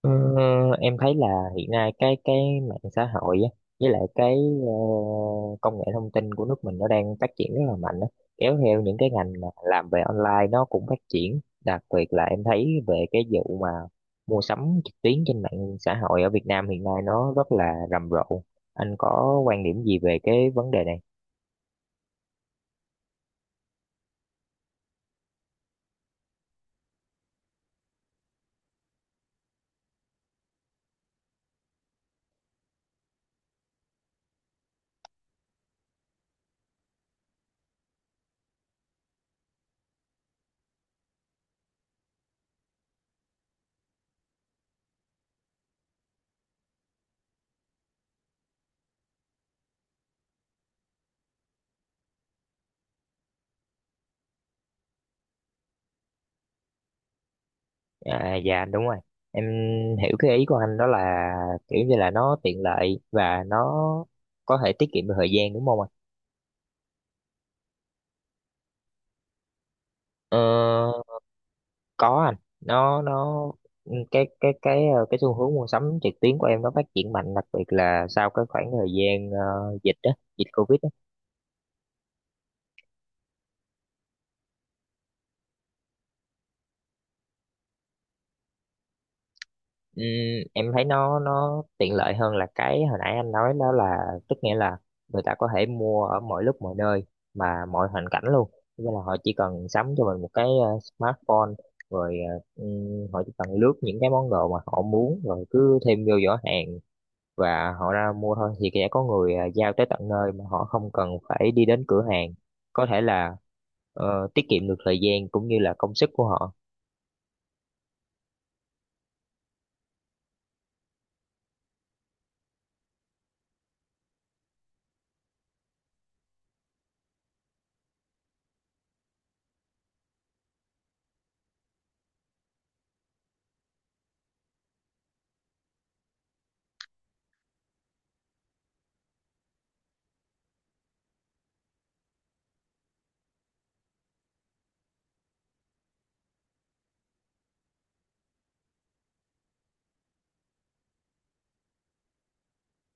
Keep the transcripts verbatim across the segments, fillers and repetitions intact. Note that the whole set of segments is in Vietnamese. Ờ, em thấy là hiện nay cái cái mạng xã hội á, với lại cái ờ, công nghệ thông tin của nước mình nó đang phát triển rất là mạnh á. Kéo theo những cái ngành mà làm về online nó cũng phát triển, đặc biệt là em thấy về cái vụ mà mua sắm trực tuyến trên mạng xã hội ở Việt Nam hiện nay nó rất là rầm rộ. Anh có quan điểm gì về cái vấn đề này? À, dạ đúng rồi, em hiểu cái ý của anh đó là kiểu như là nó tiện lợi và nó có thể tiết kiệm được thời gian, đúng không ạ? Ờ, có anh. Nó nó cái cái cái ờ, Cái xu hướng mua sắm trực tuyến của em nó phát triển mạnh, đặc biệt là sau cái khoảng thời gian ờ, dịch á, dịch Covid á. Ừm, em thấy nó nó tiện lợi hơn là cái hồi nãy anh nói đó, là tức nghĩa là người ta có thể mua ở mọi lúc mọi nơi mà mọi hoàn cảnh luôn, nên là họ chỉ cần sắm cho mình một cái ờ, smartphone, rồi ờ, ừm, họ chỉ cần lướt những cái món đồ mà họ muốn rồi cứ thêm vô giỏ hàng và họ ra mua thôi, thì sẽ có người à, giao tới tận nơi mà họ không cần phải đi đến cửa hàng, có thể là ờ, tiết kiệm được thời gian cũng như là công sức của họ.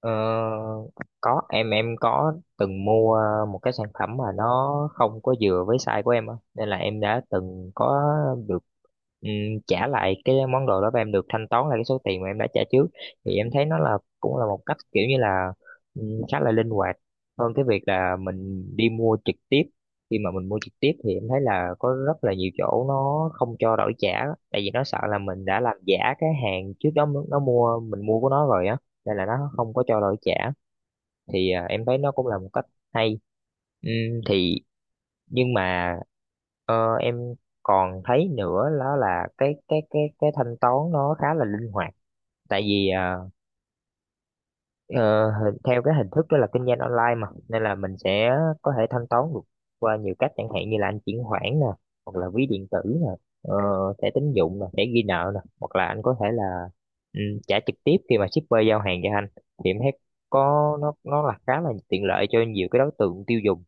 Ờ, có em em có từng mua một cái sản phẩm mà nó không có vừa với size của em á, nên là em đã từng có được ừm, trả lại cái món đồ đó và em được thanh toán lại cái số tiền mà em đã trả trước. Thì em thấy nó là cũng là một cách, kiểu như là ừm, khá là linh hoạt hơn cái việc là mình đi mua trực tiếp. Khi mà mình mua trực tiếp thì em thấy là có rất là nhiều chỗ nó không cho đổi trả, tại vì nó sợ là mình đã làm giả cái hàng trước đó nó mua mình mua của nó rồi á, nên là nó không có cho đổi trả. Thì à, em thấy nó cũng là một cách hay. Ừm, thì Nhưng mà ờ, em còn thấy nữa đó là cái cái cái cái thanh toán nó khá là linh hoạt, tại vì à, Ờ, hình- theo cái hình thức đó là kinh doanh online mà, nên là mình sẽ có thể thanh toán được qua nhiều cách, chẳng hạn như là anh chuyển khoản nè, hoặc là ví điện tử nè, ờ, thẻ tín dụng nè, thẻ ghi nợ nè, hoặc là anh có thể là ừ, trả trực tiếp khi mà shipper giao hàng cho anh. Thì em thấy có nó nó là khá là tiện lợi cho nhiều cái đối tượng tiêu dùng.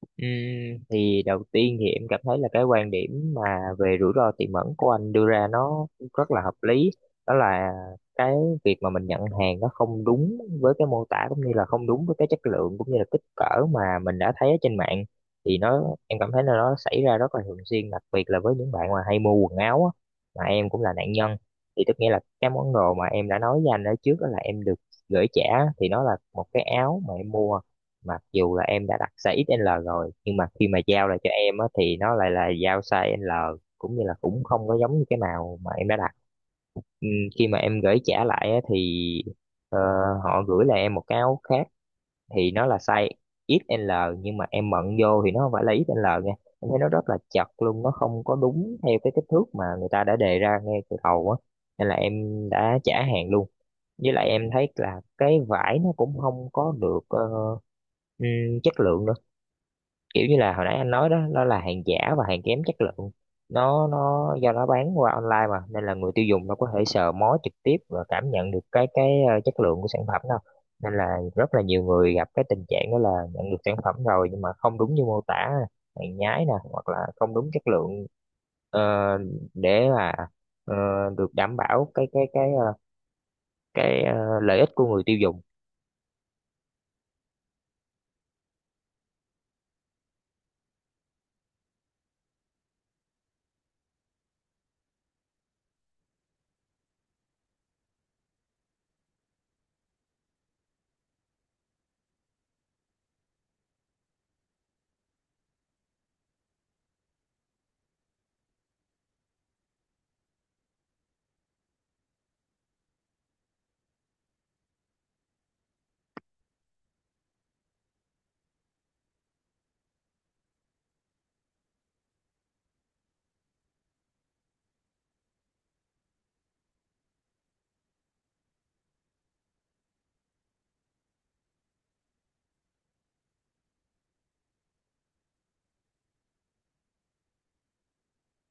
Ừm, thì Đầu tiên thì em cảm thấy là cái quan điểm mà về rủi ro tiềm ẩn của anh đưa ra nó rất là hợp lý, đó là cái việc mà mình nhận hàng nó không đúng với cái mô tả cũng như là không đúng với cái chất lượng cũng như là kích cỡ mà mình đã thấy ở trên mạng. Thì nó em cảm thấy là nó xảy ra rất là thường xuyên, đặc biệt là với những bạn mà hay mua quần áo á, mà em cũng là nạn nhân. Thì tức nghĩa là cái món đồ mà em đã nói với anh ở trước đó là em được gửi trả, thì nó là một cái áo mà em mua. Mặc dù là em đã đặt size ích lờ rồi nhưng mà khi mà giao lại cho em á thì nó lại là giao size L, cũng như là cũng không có giống như cái nào mà em đã đặt. Ừm, Khi mà em gửi trả lại á thì ờ, họ gửi lại em một cái áo khác, thì nó là size ích lờ, nhưng mà em mận vô thì nó không phải là ích lờ nha, em thấy nó rất là chật luôn, nó không có đúng theo cái kích thước mà người ta đã đề ra ngay từ đầu á, nên là em đã trả hàng luôn. Với lại em thấy là cái vải nó cũng không có được ờ, ừm, chất lượng nữa, kiểu như là hồi nãy anh nói đó, nó là hàng giả và hàng kém chất lượng. Nó nó do nó bán qua online mà, nên là người tiêu dùng nó có thể sờ mó trực tiếp và cảm nhận được cái cái ờ, chất lượng của sản phẩm đâu, nên là rất là nhiều người gặp cái tình trạng đó là nhận được sản phẩm rồi nhưng mà không đúng như mô tả, hàng nhái nè hoặc là không đúng chất lượng. ờ, để mà ờ, được đảm bảo cái cái cái ờ, cái ờ, lợi ích của người tiêu dùng.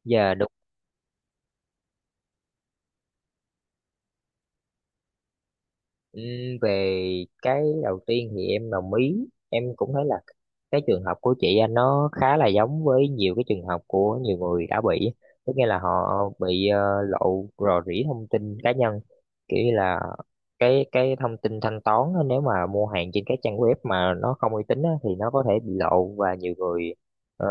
Giờ, Ừ, về cái đầu tiên thì em đồng ý, em cũng thấy là cái trường hợp của chị anh nó khá là giống với nhiều cái trường hợp của nhiều người đã bị. Tức nghĩa là họ bị ờ, lộ, rò rỉ thông tin cá nhân, kiểu như là cái cái thông tin thanh toán á, nếu mà mua hàng trên cái trang web mà nó không uy tín á, thì nó có thể bị lộ. Và nhiều người ờ,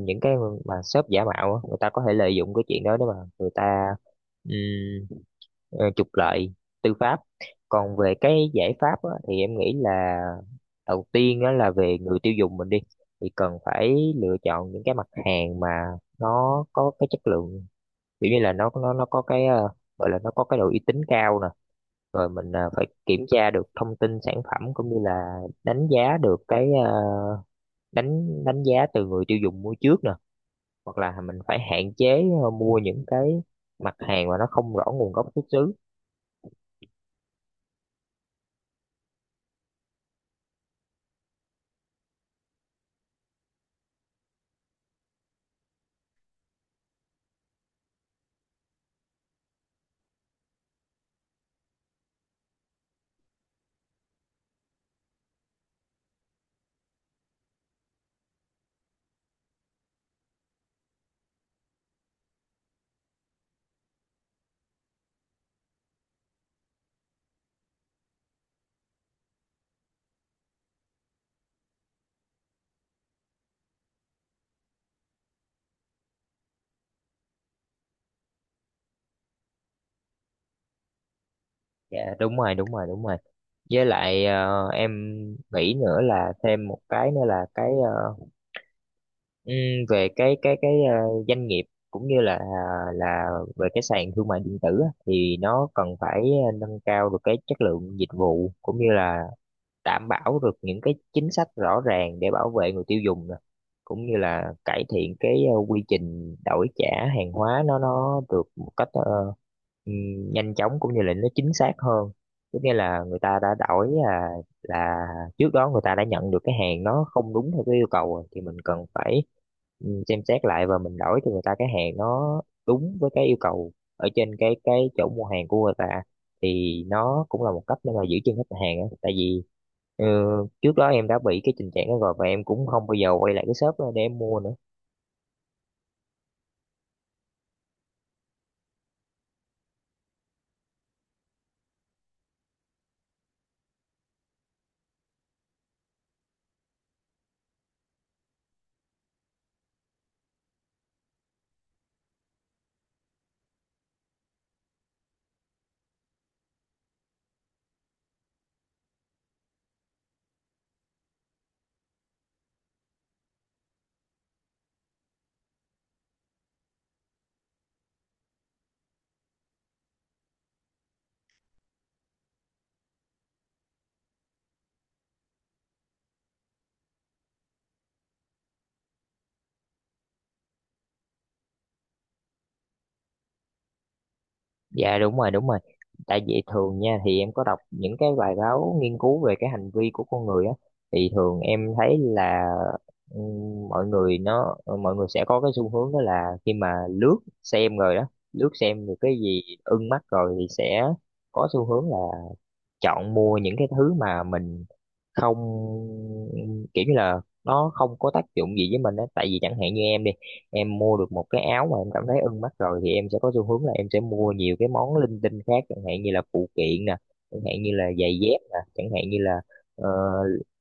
những cái mà shop giả mạo á, người ta có thể lợi dụng cái chuyện đó để mà người ta ừm, ờ, trục lợi tư pháp. Còn về cái giải pháp á, thì em nghĩ là đầu tiên á, là về người tiêu dùng mình đi, thì cần phải lựa chọn những cái mặt hàng mà nó có cái chất lượng, kiểu như là nó nó nó có cái ờ, gọi là nó có cái độ uy tín cao nè. Rồi mình ờ, phải kiểm tra được thông tin sản phẩm cũng như là đánh giá được cái ờ, đánh đánh giá từ người tiêu dùng mua trước nè, hoặc là mình phải hạn chế ờ, mua những cái mặt hàng mà nó không rõ nguồn gốc xuất xứ. Dạ đúng rồi, đúng rồi, đúng rồi. Với lại ờ, em nghĩ nữa là thêm một cái nữa là cái ờ, ừm, về cái cái cái ờ, doanh nghiệp cũng như là à, là về cái sàn thương mại điện tử á, thì nó cần phải ờ, nâng cao được cái chất lượng dịch vụ cũng như là đảm bảo được những cái chính sách rõ ràng để bảo vệ người tiêu dùng nè, cũng như là cải thiện cái ờ, quy trình đổi trả hàng hóa, nó nó được một cách ờ, ừm, nhanh chóng cũng như là nó chính xác hơn. Tức nghĩa là người ta đã đổi là là trước đó người ta đã nhận được cái hàng nó không đúng theo cái yêu cầu rồi, thì mình cần phải ừm, xem xét lại và mình đổi cho người ta cái hàng nó đúng với cái yêu cầu ở trên cái cái chỗ mua hàng của người ta. Thì nó cũng là một cách để mà giữ chân khách hàng á, tại vì ờ, trước đó em đã bị cái tình trạng đó rồi và em cũng không bao giờ quay lại cái shop đó để em mua nữa. Dạ đúng rồi, đúng rồi. Tại vì thường nha, thì em có đọc những cái bài báo nghiên cứu về cái hành vi của con người á. Thì thường em thấy là ừm, mọi người nó ờ, mọi người sẽ có cái xu hướng đó là khi mà lướt xem rồi đó, lướt xem được cái gì ưng mắt rồi thì sẽ có xu hướng là chọn mua những cái thứ mà mình không, kiểu như là nó không có tác dụng gì với mình á. Tại vì chẳng hạn như em đi, em mua được một cái áo mà em cảm thấy ưng mắt rồi thì em sẽ có xu hướng là em sẽ mua nhiều cái món linh tinh khác, chẳng hạn như là phụ kiện nè, chẳng hạn như là giày dép nè, chẳng hạn như là ờ,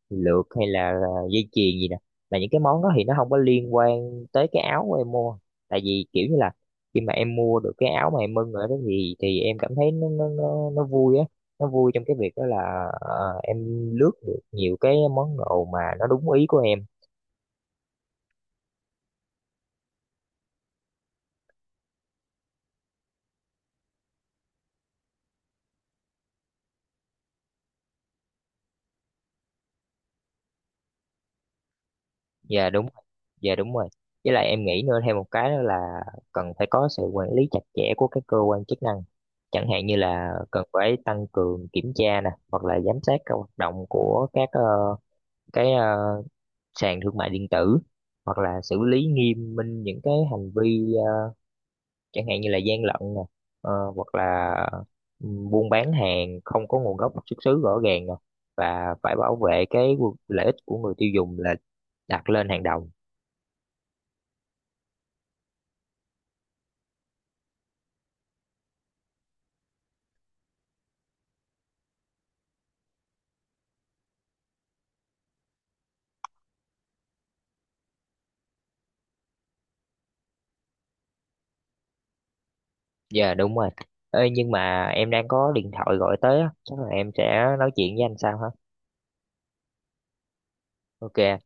lược hay là ờ, dây chuyền gì nè. Là những cái món đó thì nó không có liên quan tới cái áo của em mua. Tại vì kiểu như là khi mà em mua được cái áo mà em ưng rồi đó, thì thì em cảm thấy nó nó nó, nó vui á, nó vui trong cái việc đó là ờ, em lướt được nhiều cái món đồ mà nó đúng ý của em. Dạ đúng. Dạ đúng rồi. Với lại em nghĩ nữa thêm một cái đó là cần phải có sự quản lý chặt chẽ của các cơ quan chức năng, chẳng hạn như là cần phải tăng cường kiểm tra nè, hoặc là giám sát các hoạt động của các ờ, cái ờ, sàn thương mại điện tử, hoặc là xử lý nghiêm minh những cái hành vi ờ, chẳng hạn như là gian lận nè, ờ, hoặc là ừ, buôn bán hàng không có nguồn gốc xuất xứ rõ ràng nè, và phải bảo vệ cái quyền- lợi ích của người tiêu dùng là đặt lên hàng đầu. Dạ đúng rồi. Ê, nhưng mà em đang có điện thoại gọi tới á, chắc là em sẽ nói chuyện với anh sau ha. Ok.